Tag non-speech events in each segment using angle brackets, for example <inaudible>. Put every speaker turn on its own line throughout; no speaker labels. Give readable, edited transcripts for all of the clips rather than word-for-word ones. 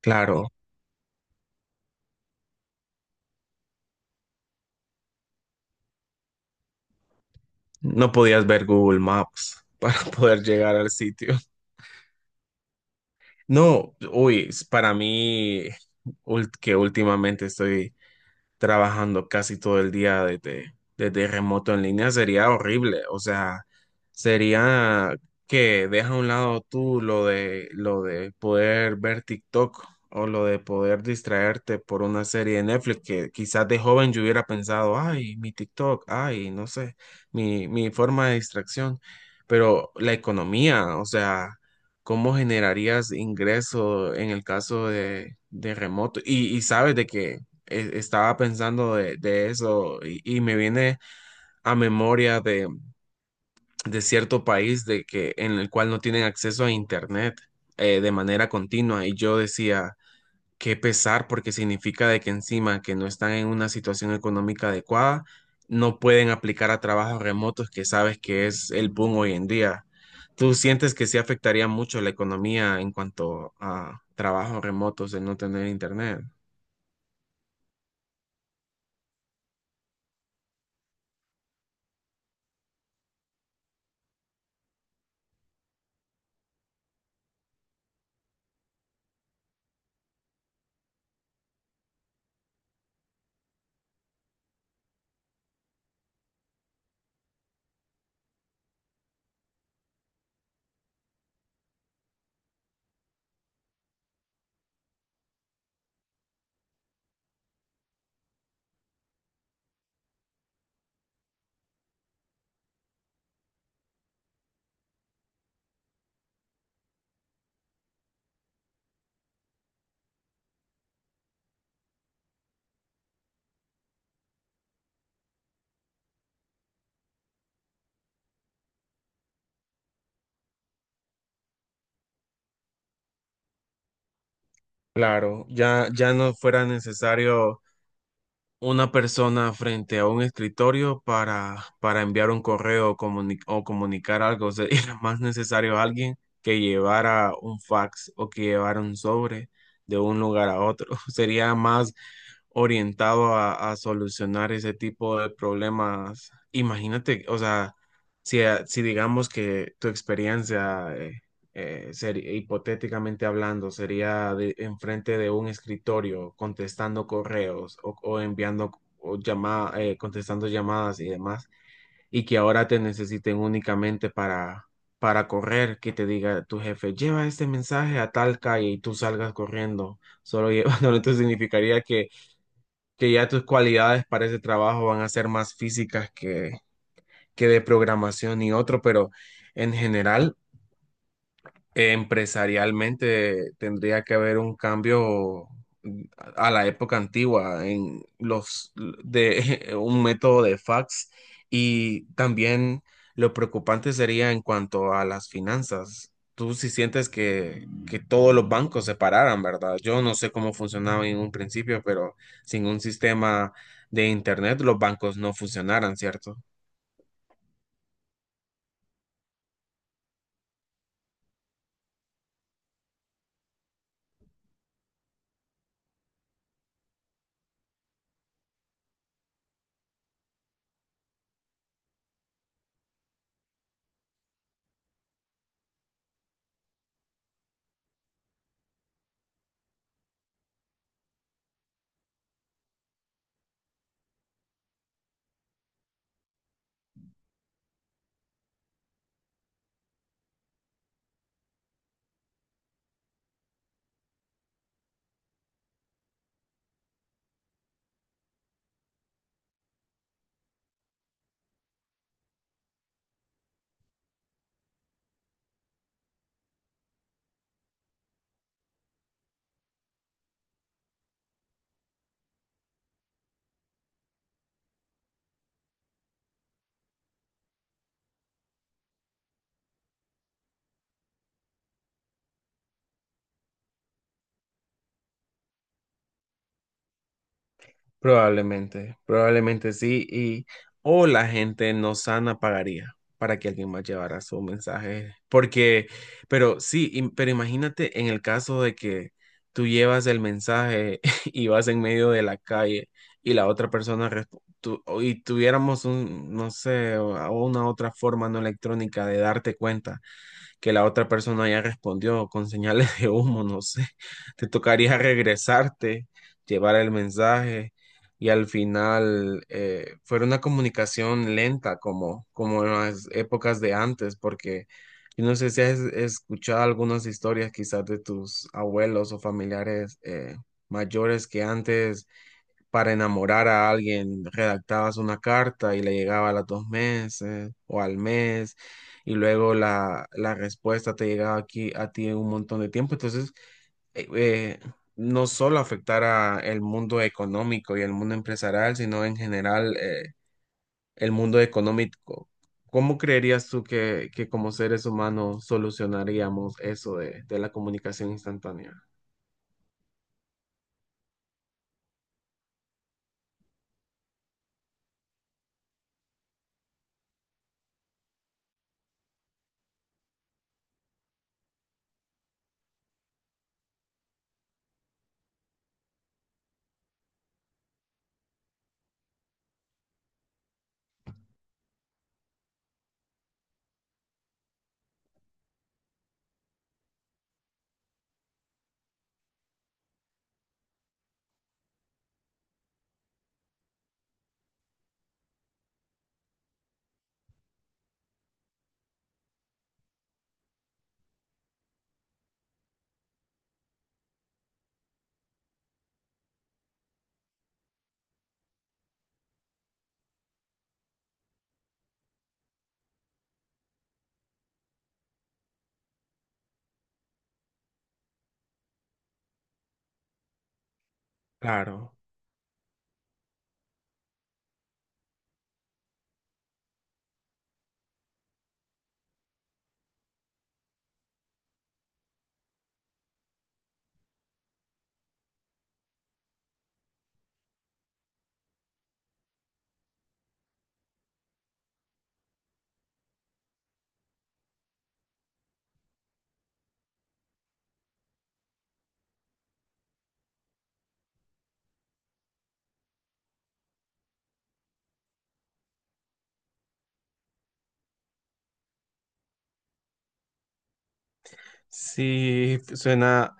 Claro, no podías ver Google Maps para <laughs> poder llegar al sitio. No, uy, para mí, que últimamente estoy trabajando casi todo el día desde, desde remoto en línea sería horrible. O sea, sería que deja a un lado tú lo de poder ver TikTok o lo de poder distraerte por una serie de Netflix que quizás de joven yo hubiera pensado, ay, mi TikTok, ay, no sé, mi forma de distracción. Pero la economía, o sea... ¿Cómo generarías ingreso en el caso de remoto? Y sabes de que estaba pensando de eso y me viene a memoria de cierto país de que, en el cual no tienen acceso a internet, de manera continua y yo decía, qué pesar porque significa de que encima que no están en una situación económica adecuada, no pueden aplicar a trabajos remotos que sabes que es el boom hoy en día. ¿Tú sientes que sí afectaría mucho la economía en cuanto a trabajos remotos de no tener internet? Claro, ya, ya no fuera necesario una persona frente a un escritorio para enviar un correo o, o comunicar algo. <laughs> Sería más necesario alguien que llevara un fax o que llevara un sobre de un lugar a otro. <laughs> Sería más orientado a solucionar ese tipo de problemas. Imagínate, o sea, si, si digamos que tu experiencia sería, hipotéticamente hablando, sería de, enfrente de un escritorio contestando correos o enviando contestando llamadas y demás, y que ahora te necesiten únicamente para correr, que te diga tu jefe, lleva este mensaje a tal calle y tú salgas corriendo, solo llevándolo, <laughs> entonces significaría que ya tus cualidades para ese trabajo van a ser más físicas que de programación y otro, pero en general, empresarialmente tendría que haber un cambio a la época antigua en los de <laughs> un método de fax y también lo preocupante sería en cuanto a las finanzas. Tú si sientes que todos los bancos se pararan, ¿verdad? Yo no sé cómo funcionaba en un principio, pero sin un sistema de internet los bancos no funcionaran, ¿cierto? Probablemente, probablemente sí, y o la gente no sana pagaría para que alguien más llevara su mensaje, porque, pero sí, pero imagínate en el caso de que tú llevas el mensaje <laughs> y vas en medio de la calle y la otra persona y tuviéramos un, no sé, una otra forma no electrónica de darte cuenta que la otra persona ya respondió con señales de humo, no sé. <laughs> Te tocaría regresarte, llevar el mensaje y al final fue una comunicación lenta como, como en las épocas de antes, porque yo no sé si has escuchado algunas historias quizás de tus abuelos o familiares mayores que antes para enamorar a alguien, redactabas una carta y le llegaba a los dos meses o al mes, y luego la, la respuesta te llegaba aquí a ti en un montón de tiempo. Entonces, eh, eh, no solo afectara el mundo económico y el mundo empresarial, sino en general, el mundo económico. ¿Cómo creerías tú que como seres humanos solucionaríamos eso de la comunicación instantánea? Claro, sí, suena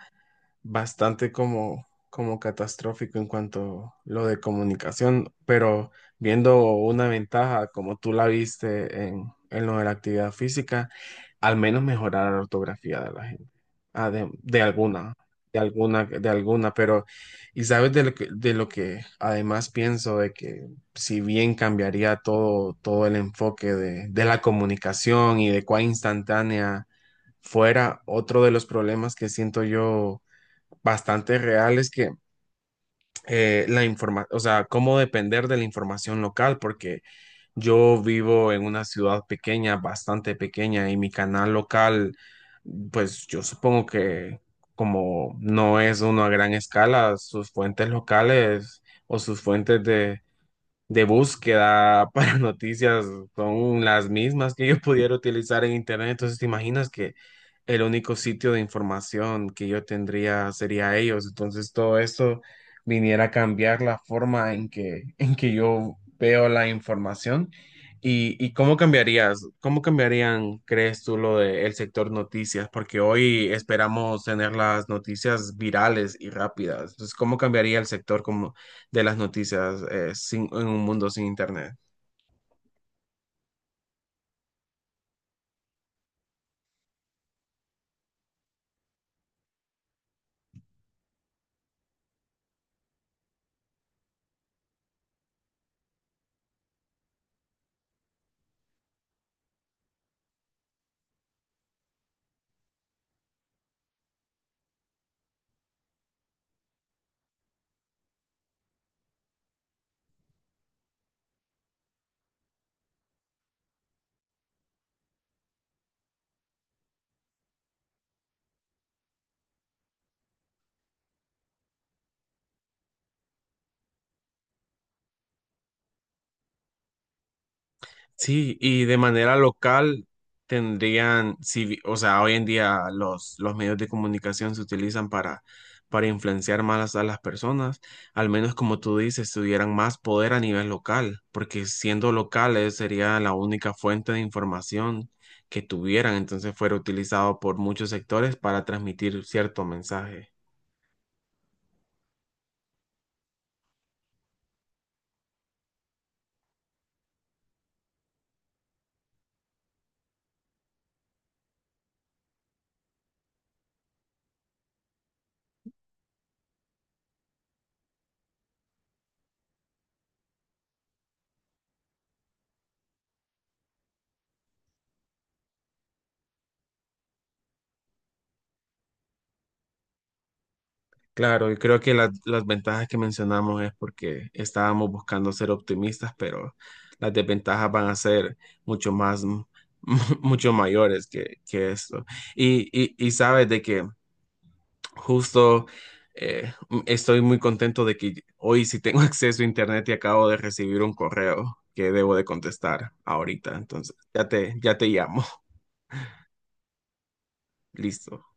bastante como, como catastrófico en cuanto a lo de comunicación, pero viendo una ventaja como tú la viste en lo de la actividad física, al menos mejorar la ortografía de la gente, ah, de, de alguna, pero y sabes de lo que además pienso, de que si bien cambiaría todo, todo el enfoque de la comunicación y de cuán instantánea fuera, otro de los problemas que siento yo bastante reales que o sea, cómo depender de la información local, porque yo vivo en una ciudad pequeña, bastante pequeña, y mi canal local, pues yo supongo que como no es uno a gran escala, sus fuentes locales o sus fuentes de búsqueda para <laughs> noticias son las mismas que yo pudiera utilizar en internet. Entonces, ¿te imaginas que el único sitio de información que yo tendría sería ellos? Entonces, todo esto viniera a cambiar la forma en que, <laughs> en que yo veo la información. Y cómo cambiarías? ¿Cómo cambiarían, crees tú, lo del sector noticias? Porque hoy esperamos tener las noticias virales y rápidas. Entonces, ¿cómo cambiaría el sector, cómo de las noticias en un mundo sin internet? Sí, y de manera local tendrían, si vi- o sea, hoy en día los medios de comunicación se utilizan para influenciar más a las personas, al menos como tú dices, tuvieran más poder a nivel local, porque siendo locales sería la única fuente de información que tuvieran, entonces fuera utilizado por muchos sectores para transmitir cierto mensaje. Claro, y creo que las ventajas que mencionamos es porque estábamos buscando ser optimistas, pero las desventajas van a ser mucho más, <laughs> mucho mayores que esto. Y sabes de que justo estoy muy contento de que hoy sí tengo <laughs> acceso a internet y acabo de recibir un correo que debo de contestar ahorita. Entonces, ya te llamo. <laughs> Listo.